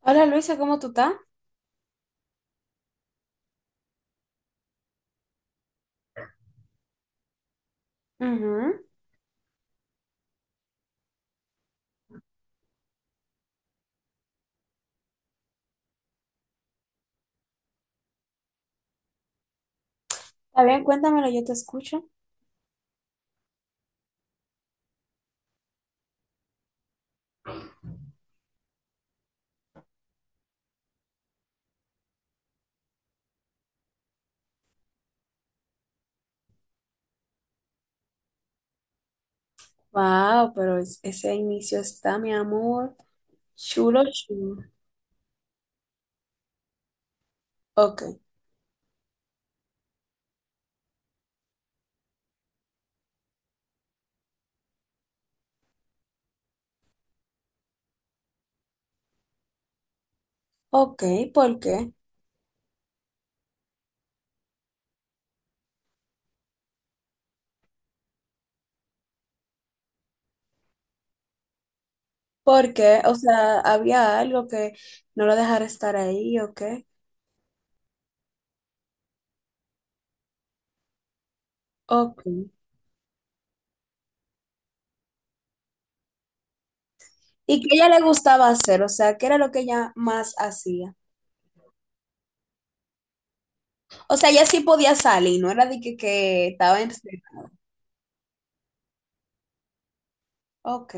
Hola Luisa, ¿cómo tú estás? Ujú. Está bien, cuéntamelo, yo te escucho. Wow, pero ese inicio está, mi amor, chulo, chulo. Ok, ok, ¿por qué? ¿Por qué? O sea, había algo que no lo dejara estar ahí, ok, ok. Y qué a ella le gustaba hacer, o sea, ¿qué era lo que ella más hacía? O sea, ella sí podía salir, no era de que estaba en... Ok,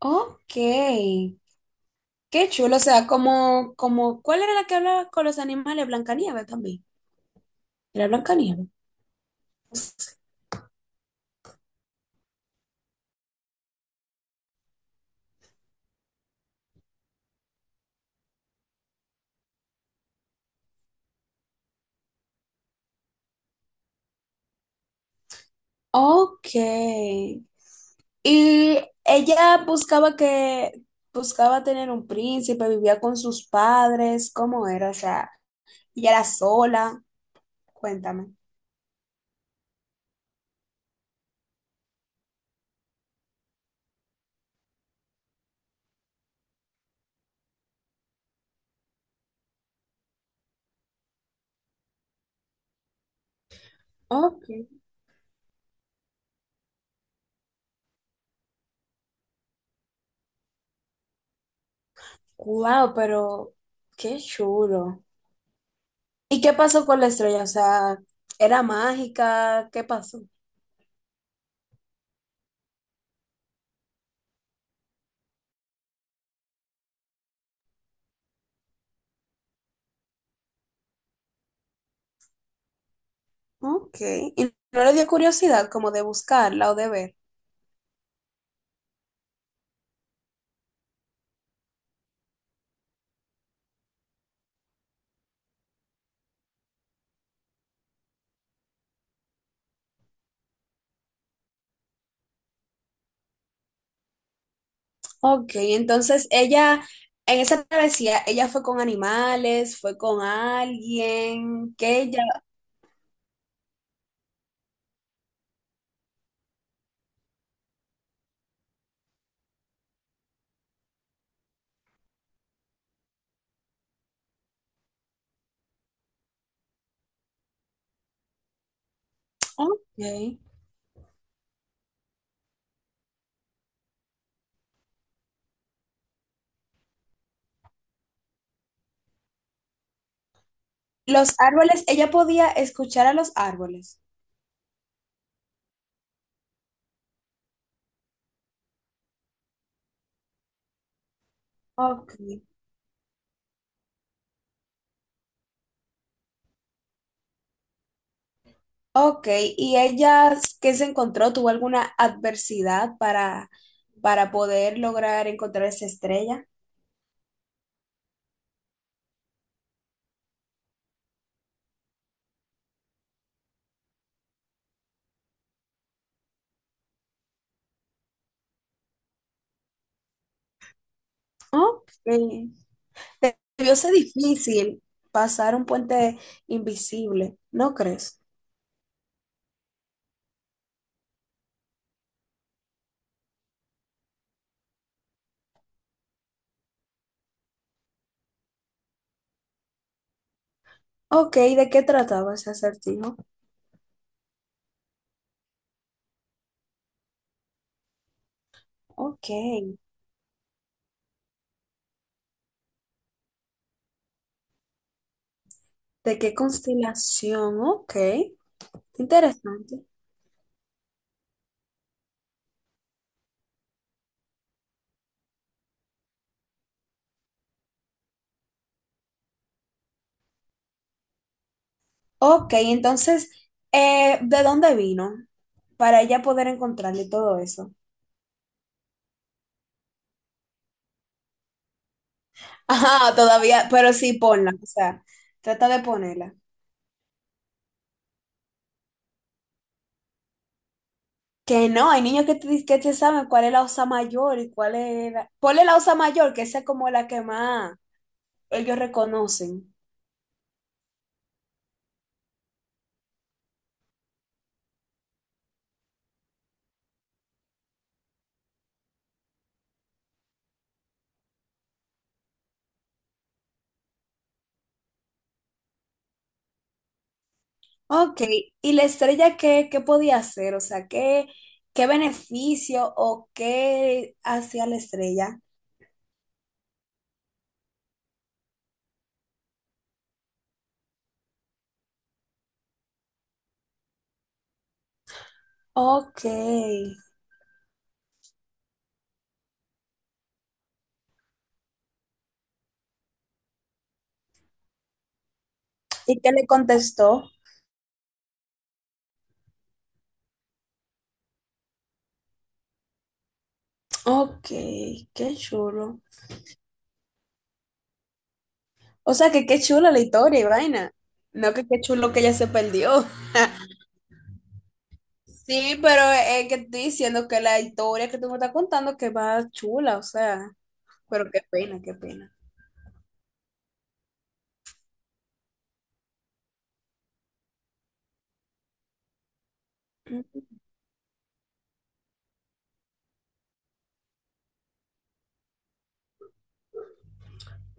ok. Qué chulo, o sea, como, ¿cuál era la que hablaba con los animales? Blancanieves también. Era Blancanieves. Ok. Y ella buscaba tener un príncipe, vivía con sus padres, ¿cómo era? O sea, ella era sola. Cuéntame. Ok. Wow, pero qué chulo. ¿Y qué pasó con la estrella? O sea, ¿era mágica? ¿Qué pasó? Ok. ¿Y no le dio curiosidad como de buscarla o de ver? Ok, entonces ella, en esa travesía, ella fue con animales, fue con alguien, que ella, ok. Los árboles, ella podía escuchar a los árboles. Ok. Ok, ¿y ella qué se encontró? ¿Tuvo alguna adversidad para poder lograr encontrar esa estrella? Ok. Debió ser difícil pasar un puente invisible, ¿no crees? Ok, ¿de qué trataba ese acertijo? Ok. ¿De qué constelación? Ok, interesante. Ok, entonces, ¿de dónde vino? Para ella poder encontrarle todo eso. Ajá, todavía, pero sí ponla, o sea, trata de ponerla. Que no, hay niños que te, que te saben cuál es la Osa Mayor y cuál es la... Ponle la Osa Mayor, que esa es como la que más ellos reconocen. Ok, ¿y la estrella qué, qué podía hacer? O sea, ¿qué, qué beneficio o qué hacía la estrella? Ok. ¿Y qué le contestó? Ok, qué chulo. O sea, que qué chula la historia y vaina. No, que qué chulo que ella se perdió. Sí, pero es que estoy diciendo que la historia que tú me estás contando que va chula, o sea, pero qué pena, qué pena.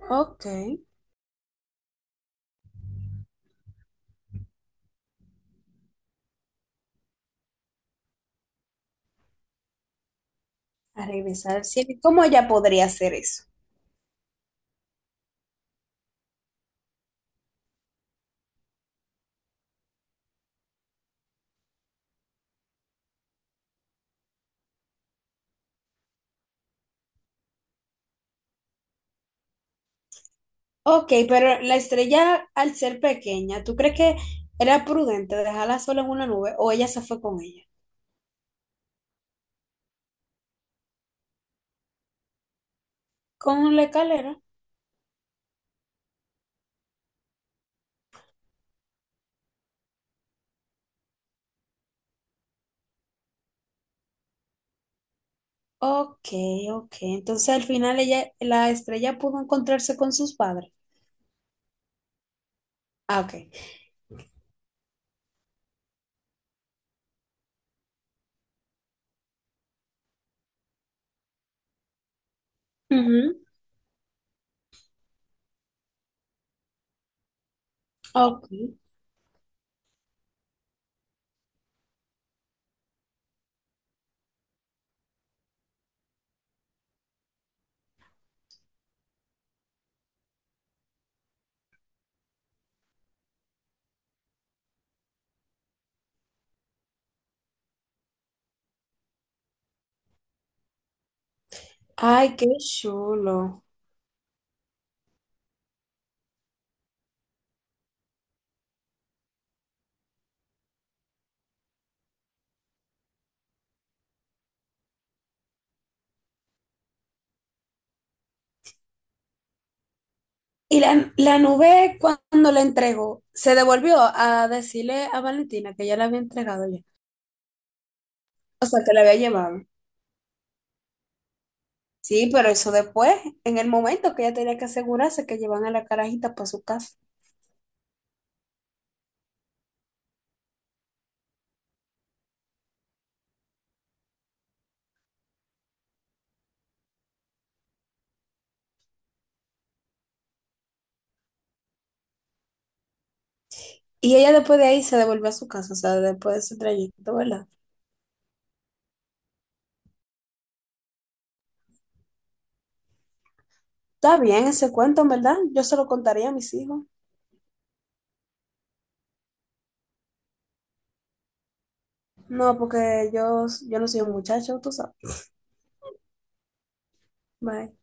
Ok, a revisar el cielo. ¿Cómo ella podría hacer eso? Ok, pero la estrella al ser pequeña, ¿tú crees que era prudente dejarla sola en una nube o ella se fue con ella? Con la escalera. Ok, ok. Entonces al final ella, la estrella pudo encontrarse con sus padres. Ah, ok. Ujú, ok. Ay, qué chulo. Y la nube cuando la entregó, se devolvió a decirle a Valentina que ya la había entregado ya. O sea, que la había llevado. Sí, pero eso después, en el momento que ella tenía que asegurarse que llevan a la carajita para su casa. Y ella después de ahí se devolvió a su casa, o sea, después de ese trayecto, ¿verdad? Está bien ese cuento, ¿en verdad? Yo se lo contaría a mis hijos. No, porque yo no soy un muchacho, tú sabes. Bye.